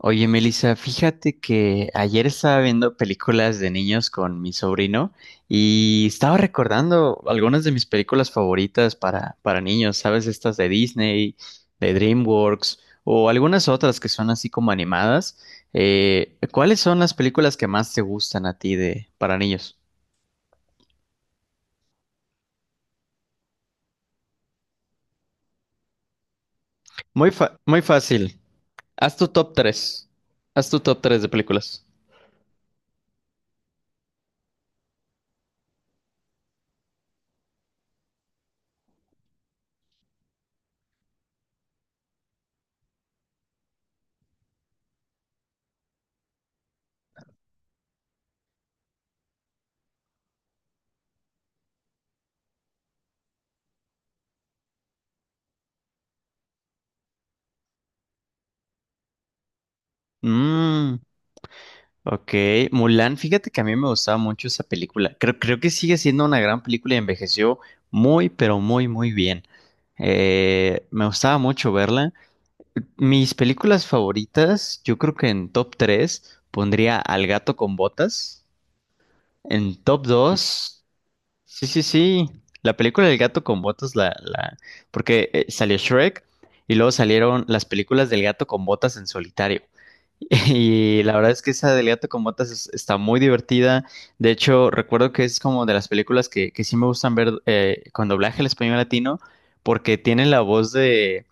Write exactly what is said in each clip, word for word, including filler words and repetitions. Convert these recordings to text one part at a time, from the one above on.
Oye, Melissa, fíjate que ayer estaba viendo películas de niños con mi sobrino y estaba recordando algunas de mis películas favoritas para, para niños, ¿sabes? Estas de Disney, de DreamWorks o algunas otras que son así como animadas. Eh, ¿cuáles son las películas que más te gustan a ti de para niños? Muy fa- muy fácil. Haz tu top tres. Haz tu top tres de películas. Mmm. Ok, Mulan, fíjate que a mí me gustaba mucho esa película. Creo, creo que sigue siendo una gran película y envejeció muy, pero muy, muy bien. Eh, me gustaba mucho verla. Mis películas favoritas, yo creo que en top tres pondría Al gato con botas. En top dos. Sí, sí, sí. La película del gato con botas, la, la, porque eh, salió Shrek y luego salieron las películas del gato con botas en solitario. Y la verdad es que esa del gato con botas es- está muy divertida. De hecho, recuerdo que es como de las películas que, que sí me gustan ver eh, con doblaje al español latino, porque tiene la voz de,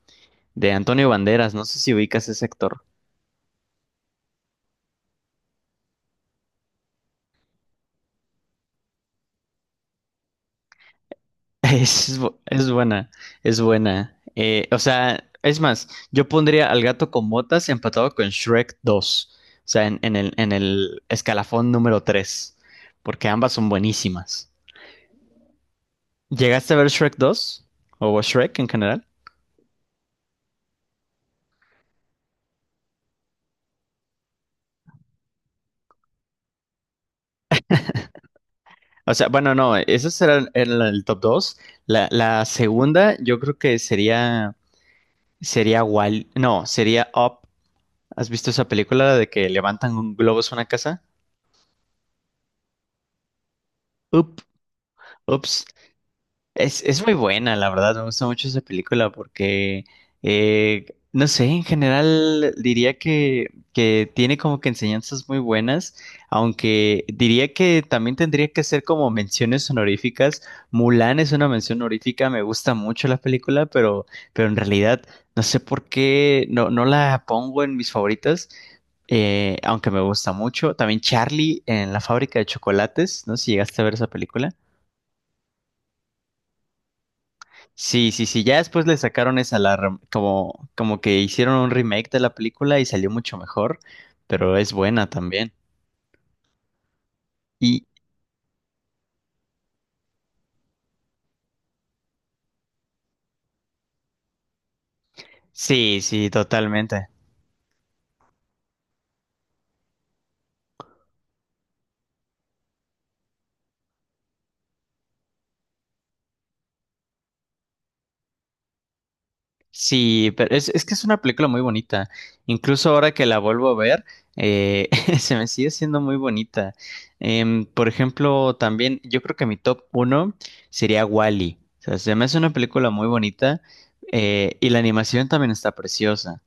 de Antonio Banderas. No sé si ubicas ese actor. Es, bu- es buena, es buena. Eh, o sea, es más, yo pondría al gato con botas empatado con Shrek dos. O sea, en, en el, en el escalafón número tres. Porque ambas son buenísimas. ¿Llegaste a ver Shrek dos? ¿O Shrek en general? O sea, bueno, no, esos eran, eran la- el top dos. La, la segunda, yo creo que sería, sería Wall, no, sería Up. ¿Has visto esa película de que levantan un globo a una casa? Up. Ups. Es, es muy buena, la verdad, me gusta mucho esa película porque, eh, no sé, en general diría que, que tiene como que enseñanzas muy buenas, aunque diría que también tendría que ser como menciones honoríficas. Mulan es una mención honorífica, me gusta mucho la película, pero, pero en realidad no sé por qué no, no la pongo en mis favoritas, eh, aunque me gusta mucho. También Charlie en la fábrica de chocolates, no sé si llegaste a ver esa película. Sí, sí, sí, ya después le sacaron esa alarma, como, como que hicieron un remake de la película y salió mucho mejor, pero es buena también. Y sí, sí, totalmente. Sí, pero es, es que es una película muy bonita. Incluso ahora que la vuelvo a ver, eh, se me sigue siendo muy bonita. Em, por ejemplo, también yo creo que mi top uno sería Wall-E. O sea, se me hace una película muy bonita eh, y la animación también está preciosa.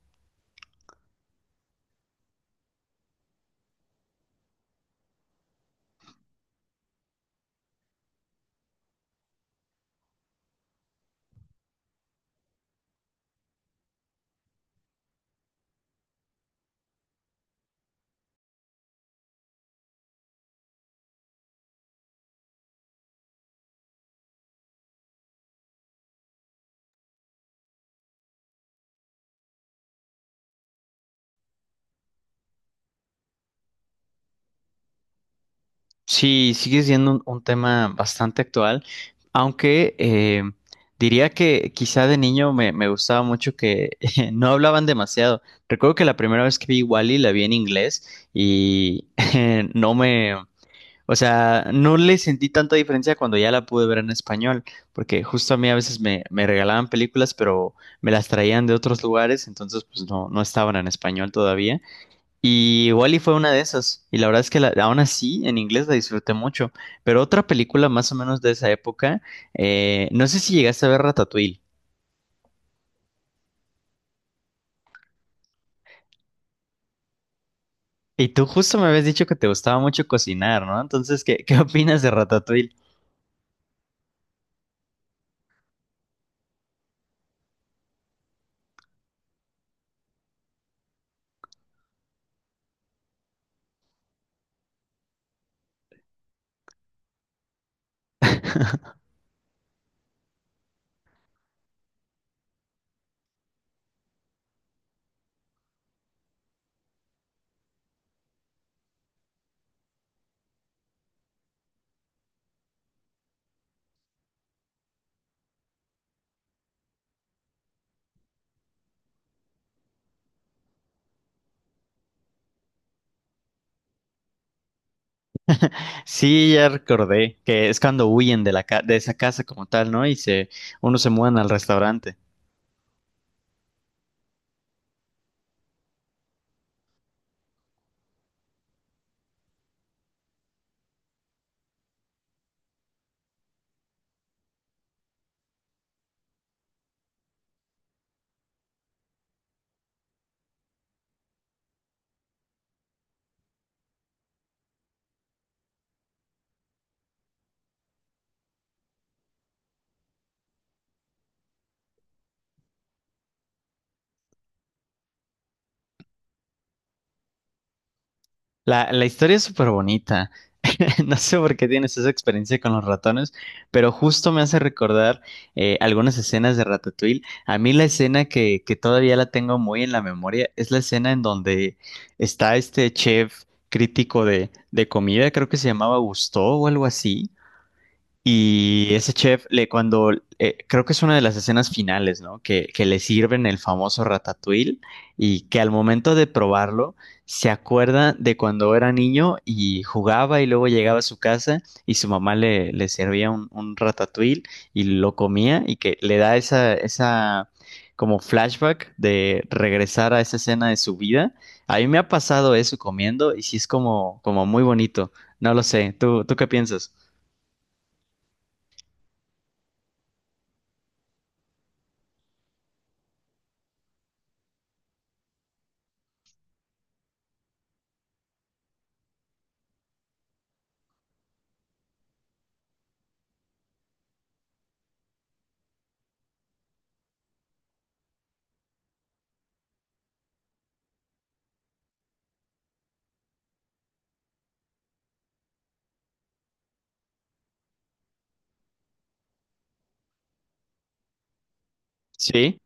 Sí, sigue siendo un, un tema bastante actual, aunque eh, diría que quizá de niño me, me gustaba mucho que no hablaban demasiado. Recuerdo que la primera vez que vi Wally la vi en inglés y eh, no me, o sea, no le sentí tanta diferencia cuando ya la pude ver en español, porque justo a mí a veces me, me regalaban películas, pero me las traían de otros lugares, entonces pues no, no estaban en español todavía. Y Wall-E fue una de esas, y la verdad es que la- aún así en inglés la disfruté mucho. Pero otra película más o menos de esa época, eh, no sé si llegaste a ver Ratatouille. Y tú justo me habías dicho que te gustaba mucho cocinar, ¿no? Entonces, ¿qué, ¿qué opinas de Ratatouille? Sí, ya recordé que es cuando huyen de la ca- de esa casa como tal, ¿no? Y se, uno se mudan al restaurante. La, la historia es súper bonita. No sé por qué tienes esa experiencia con los ratones, pero justo me hace recordar eh, algunas escenas de Ratatouille. A mí la escena que, que todavía la tengo muy en la memoria es la escena en donde está este chef crítico de, de comida, creo que se llamaba Gusteau o algo así, y ese chef, le, cuando eh, creo que es una de las escenas finales, ¿no? Que, que le sirven el famoso ratatouille y que al momento de probarlo se acuerda de cuando era niño y jugaba y luego llegaba a su casa y su mamá le, le servía un, un ratatouille y lo comía y que le da esa, esa como flashback de regresar a esa escena de su vida. A mí me ha pasado eso comiendo y sí es como, como muy bonito. No lo sé. ¿Tú, ¿tú qué piensas? Sí.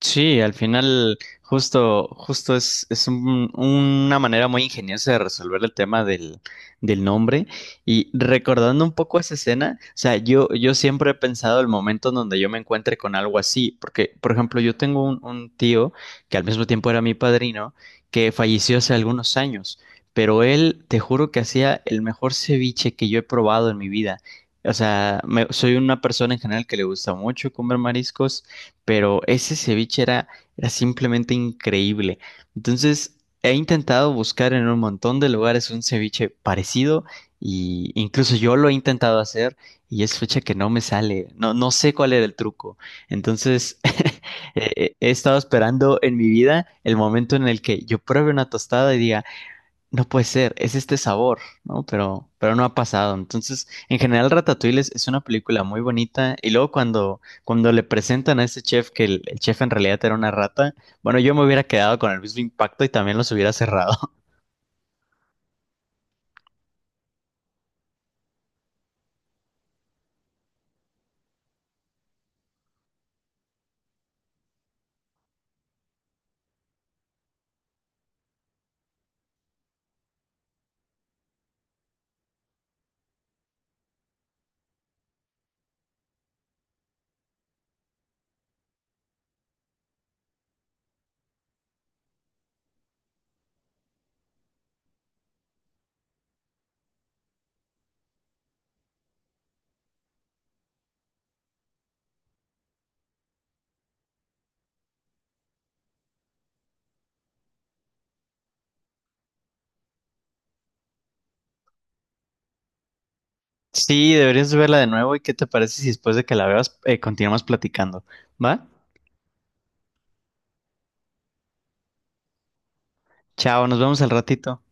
Sí, al final justo, justo es, es un- una manera muy ingeniosa de resolver el tema del, del nombre. Y recordando un poco esa escena, o sea, yo, yo siempre he pensado el momento en donde yo me encuentre con algo así, porque, por ejemplo, yo tengo un, un tío que al mismo tiempo era mi padrino, que falleció hace algunos años, pero él, te juro que hacía el mejor ceviche que yo he probado en mi vida. O sea, me- soy una persona en general que le gusta mucho comer mariscos pero ese ceviche era, era simplemente increíble. Entonces, he intentado buscar en un montón de lugares un ceviche parecido y incluso yo lo he intentado hacer y es fecha que no me sale. No, no sé cuál era el truco. Entonces, eh, he estado esperando en mi vida el momento en el que yo pruebe una tostada y diga, no puede ser, es este sabor, ¿no? Pero, pero no ha pasado. Entonces, en general, Ratatouille es, es una película muy bonita. Y luego cuando, cuando le presentan a este chef que el, el chef en realidad era una rata, bueno, yo me hubiera quedado con el mismo impacto y también los hubiera cerrado. Sí, deberías verla de nuevo. ¿Y qué te parece si después de que la veas, eh, continuamos platicando? ¿Va? Chao, nos vemos al ratito.